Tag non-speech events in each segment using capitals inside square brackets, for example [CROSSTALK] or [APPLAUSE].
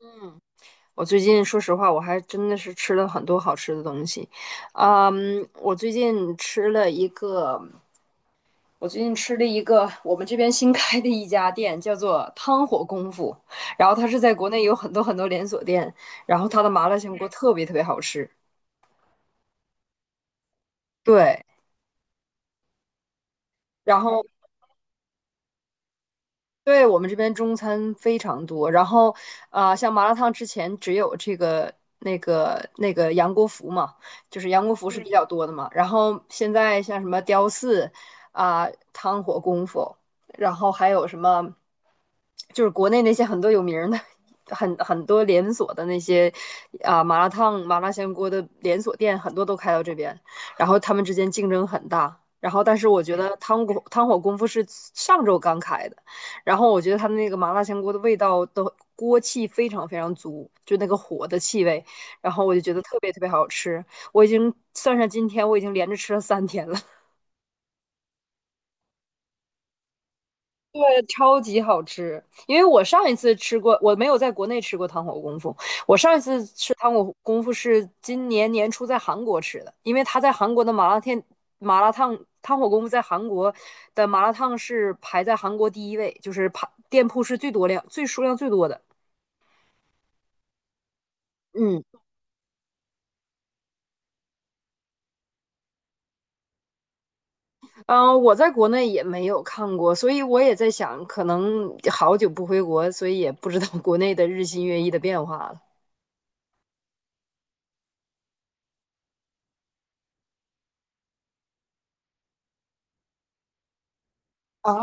嗯，我最近说实话，我还真的是吃了很多好吃的东西。嗯，我最近吃了一个，我最近吃了一个我们这边新开的一家店，叫做汤火功夫。然后它是在国内有很多很多连锁店，然后它的麻辣香锅特别特别好吃。对，然后对，我们这边中餐非常多，然后像麻辣烫之前只有这个那个杨国福嘛，就是杨国福是比较多的嘛。然后现在像什么雕四汤火功夫，然后还有什么，就是国内那些很多有名儿的、很多连锁的那些麻辣烫、麻辣香锅的连锁店，很多都开到这边，然后他们之间竞争很大。然后，但是我觉得汤火功夫是上周刚开的。然后我觉得他的那个麻辣香锅的味道的锅气非常非常足，就那个火的气味，然后我就觉得特别特别好吃。我已经算上今天，我已经连着吃了三天了。[LAUGHS] 对，超级好吃。因为我上一次吃过，我没有在国内吃过糖火功夫。我上一次吃糖火功夫是今年年初在韩国吃的，因为他在韩国的麻辣烫汤火功夫在韩国的麻辣烫是排在韩国第一位，就是排店铺是最数量最多的。嗯，嗯，我在国内也没有看过，所以我也在想，可能好久不回国，所以也不知道 [LAUGHS] 国内的日新月异的变化了。啊，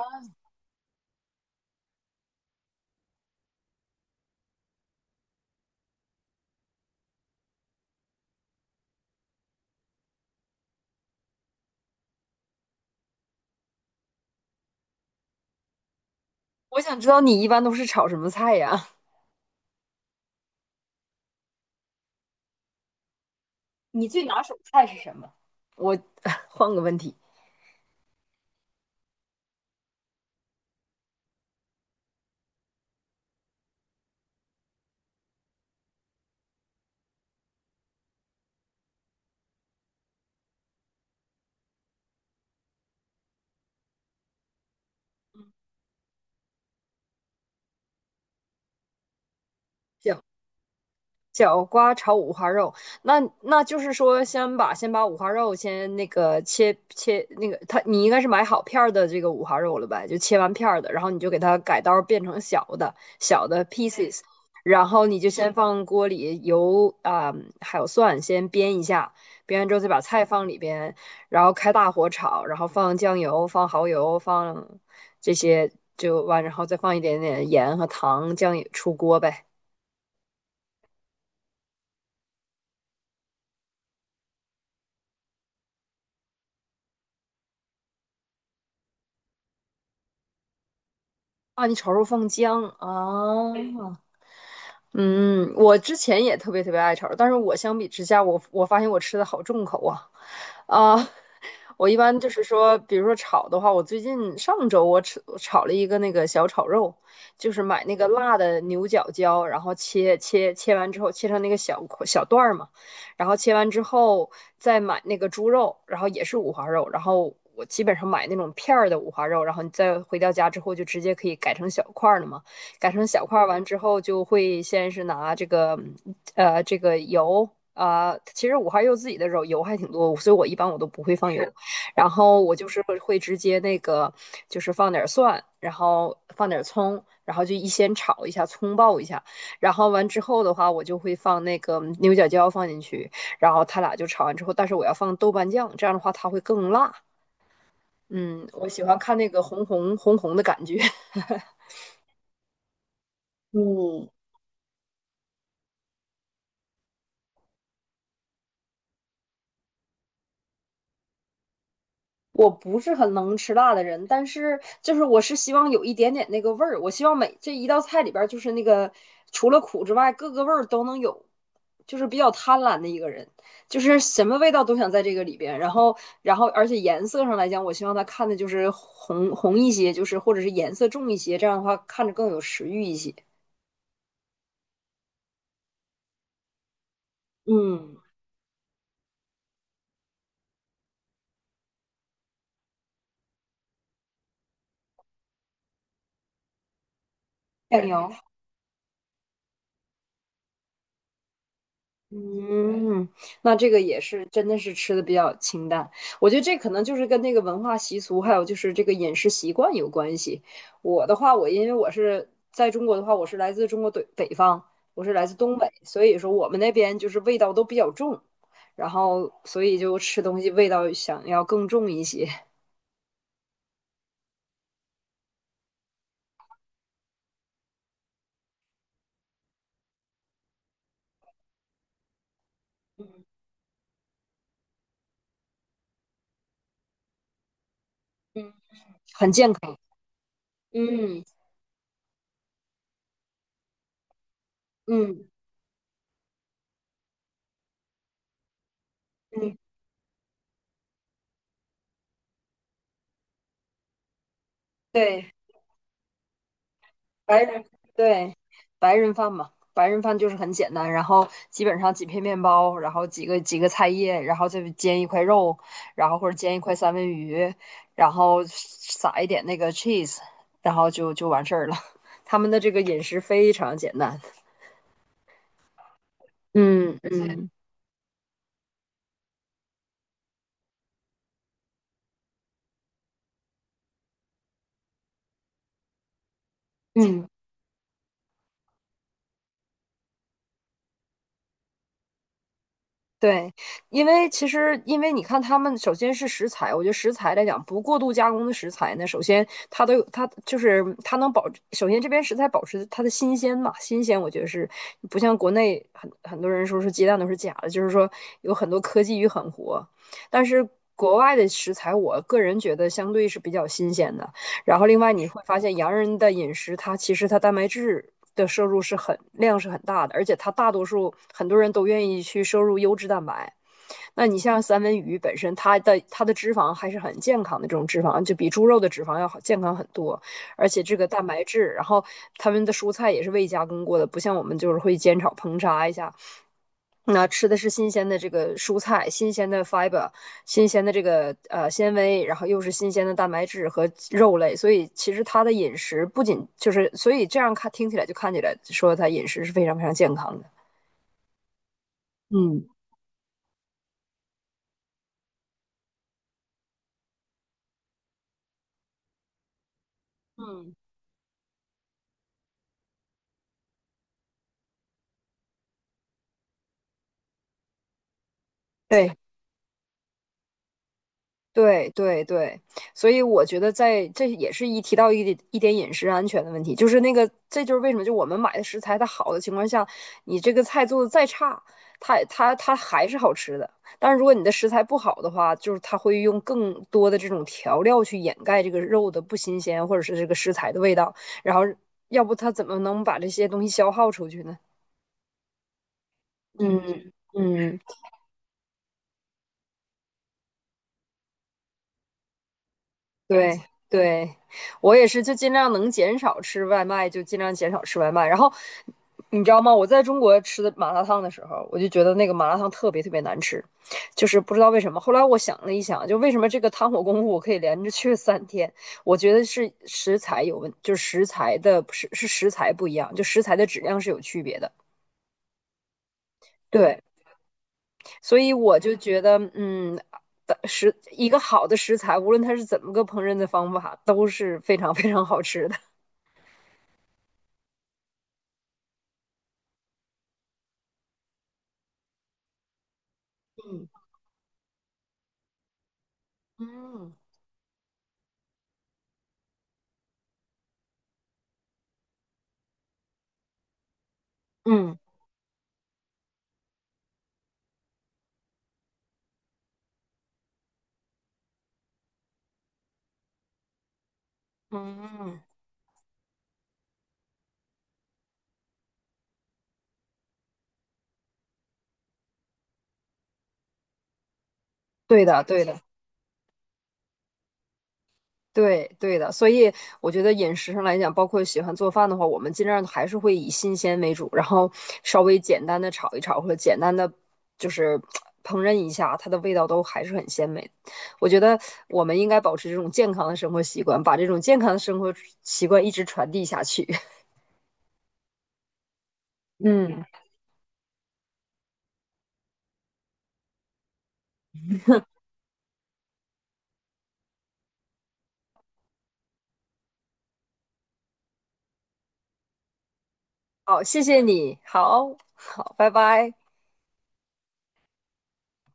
我想知道你一般都是炒什么菜呀？你最拿手菜是什么？我 [LAUGHS] 换个问题，角瓜炒五花肉，那就是说，先把五花肉先那个切切那个，它你应该是买好片儿的这个五花肉了吧，就切完片儿的，然后你就给它改刀变成小的 pieces，然后你就先放锅里油还有蒜先煸一下，煸完之后再把菜放里边，然后开大火炒，然后放酱油、放蚝油、放这些就完，然后再放一点点盐和糖，酱油出锅呗。啊，你炒肉放姜啊。嗯，我之前也特别特别爱炒肉，但是我相比之下，我发现我吃的好重口啊，啊、[LAUGHS] 我一般就是说，比如说炒的话，我最近上周我炒了一个那个小炒肉，就是买那个辣的牛角椒，然后切完之后切成那个小块小段儿嘛，然后切完之后再买那个猪肉，然后也是五花肉，然后我基本上买那种片儿的五花肉，然后你再回到家之后就直接可以改成小块儿了嘛。改成小块儿完之后，就会先是拿这个油其实五花肉自己的肉油还挺多，所以我一般都不会放油 [LAUGHS]，然后我就是会直接那个就是放点蒜，然后放点葱，然后就先炒一下，葱爆一下，然后完之后的话，我就会放那个牛角椒放进去，然后它俩就炒完之后，但是我要放豆瓣酱，这样的话它会更辣。嗯，我喜欢看那个红红红红的感觉。[LAUGHS] 嗯，我不是很能吃辣的人，但是就是我是希望有一点点那个味儿，我希望这一道菜里边儿就是那个除了苦之外，各个味儿都能有，就是比较贪婪的一个人，就是什么味道都想在这个里边，然后而且颜色上来讲，我希望他看的就是红红一些，就是或者是颜色重一些，这样的话看着更有食欲一些。嗯，酱油。嗯，那这个也是真的是吃的比较清淡，我觉得这可能就是跟那个文化习俗，还有就是这个饮食习惯有关系。我的话，我因为我是在中国的话，我是来自中国北方，我是来自东北，所以说我们那边就是味道都比较重，然后所以就吃东西味道想要更重一些。嗯嗯，很健康。嗯嗯嗯，对。白人对，白人饭嘛，白人饭就是很简单，然后基本上几片面包，然后几个菜叶，然后再煎一块肉，然后或者煎一块三文鱼，然后撒一点那个 cheese，然后就就完事儿了。[LAUGHS] 他们的这个饮食非常简单。嗯嗯嗯。对，因为其实，因为你看，他们首先是食材，我觉得食材来讲，不过度加工的食材呢，首先它都有，它就是它能保，首先这边食材保持它的新鲜嘛，新鲜，我觉得是不像国内很多人说是鸡蛋都是假的，就是说有很多科技与狠活，但是国外的食材，我个人觉得相对是比较新鲜的。然后另外你会发现，洋人的饮食它其实它蛋白质的摄入是很量是很大的，而且它大多数很多人都愿意去摄入优质蛋白。那你像三文鱼本身，它的脂肪还是很健康的，这种脂肪就比猪肉的脂肪要好健康很多，而且这个蛋白质，然后他们的蔬菜也是未加工过的，不像我们就是会煎炒烹炸一下，那吃的是新鲜的这个蔬菜，新鲜的 fiber，新鲜的这个纤维，然后又是新鲜的蛋白质和肉类，所以其实他的饮食不仅就是，所以这样看听起来就看起来说他饮食是非常非常健康的。嗯，嗯，对，对对对，所以我觉得在这也是一提到一点一点饮食安全的问题，就是那个，这就是为什么就我们买的食材它好的情况下，你这个菜做的再差，它还是好吃的。但是如果你的食材不好的话，就是它会用更多的这种调料去掩盖这个肉的不新鲜，或者是这个食材的味道，然后要不它怎么能把这些东西消耗出去呢？嗯。嗯。对对，我也是，就尽量能减少吃外卖，就尽量减少吃外卖。然后你知道吗？我在中国吃的麻辣烫的时候，我就觉得那个麻辣烫特别特别难吃，就是不知道为什么。后来我想了一想，就为什么这个汤火功夫我可以连着去了三天？我觉得是食材有问，就是食材的是食材不一样，就食材的质量是有区别的。对，所以我就觉得，一个好的食材，无论它是怎么个烹饪的方法，都是非常非常好吃的。嗯嗯嗯，对的，对的，对对的，所以我觉得饮食上来讲，包括喜欢做饭的话，我们尽量还是会以新鲜为主，然后稍微简单的炒一炒，或者简单的就是 [TSK] 烹饪一下，它的味道都还是很鲜美的。我觉得我们应该保持这种健康的生活习惯，把这种健康的生活习惯一直传递下去。[LAUGHS] 嗯，好，谢谢你，好好，拜拜。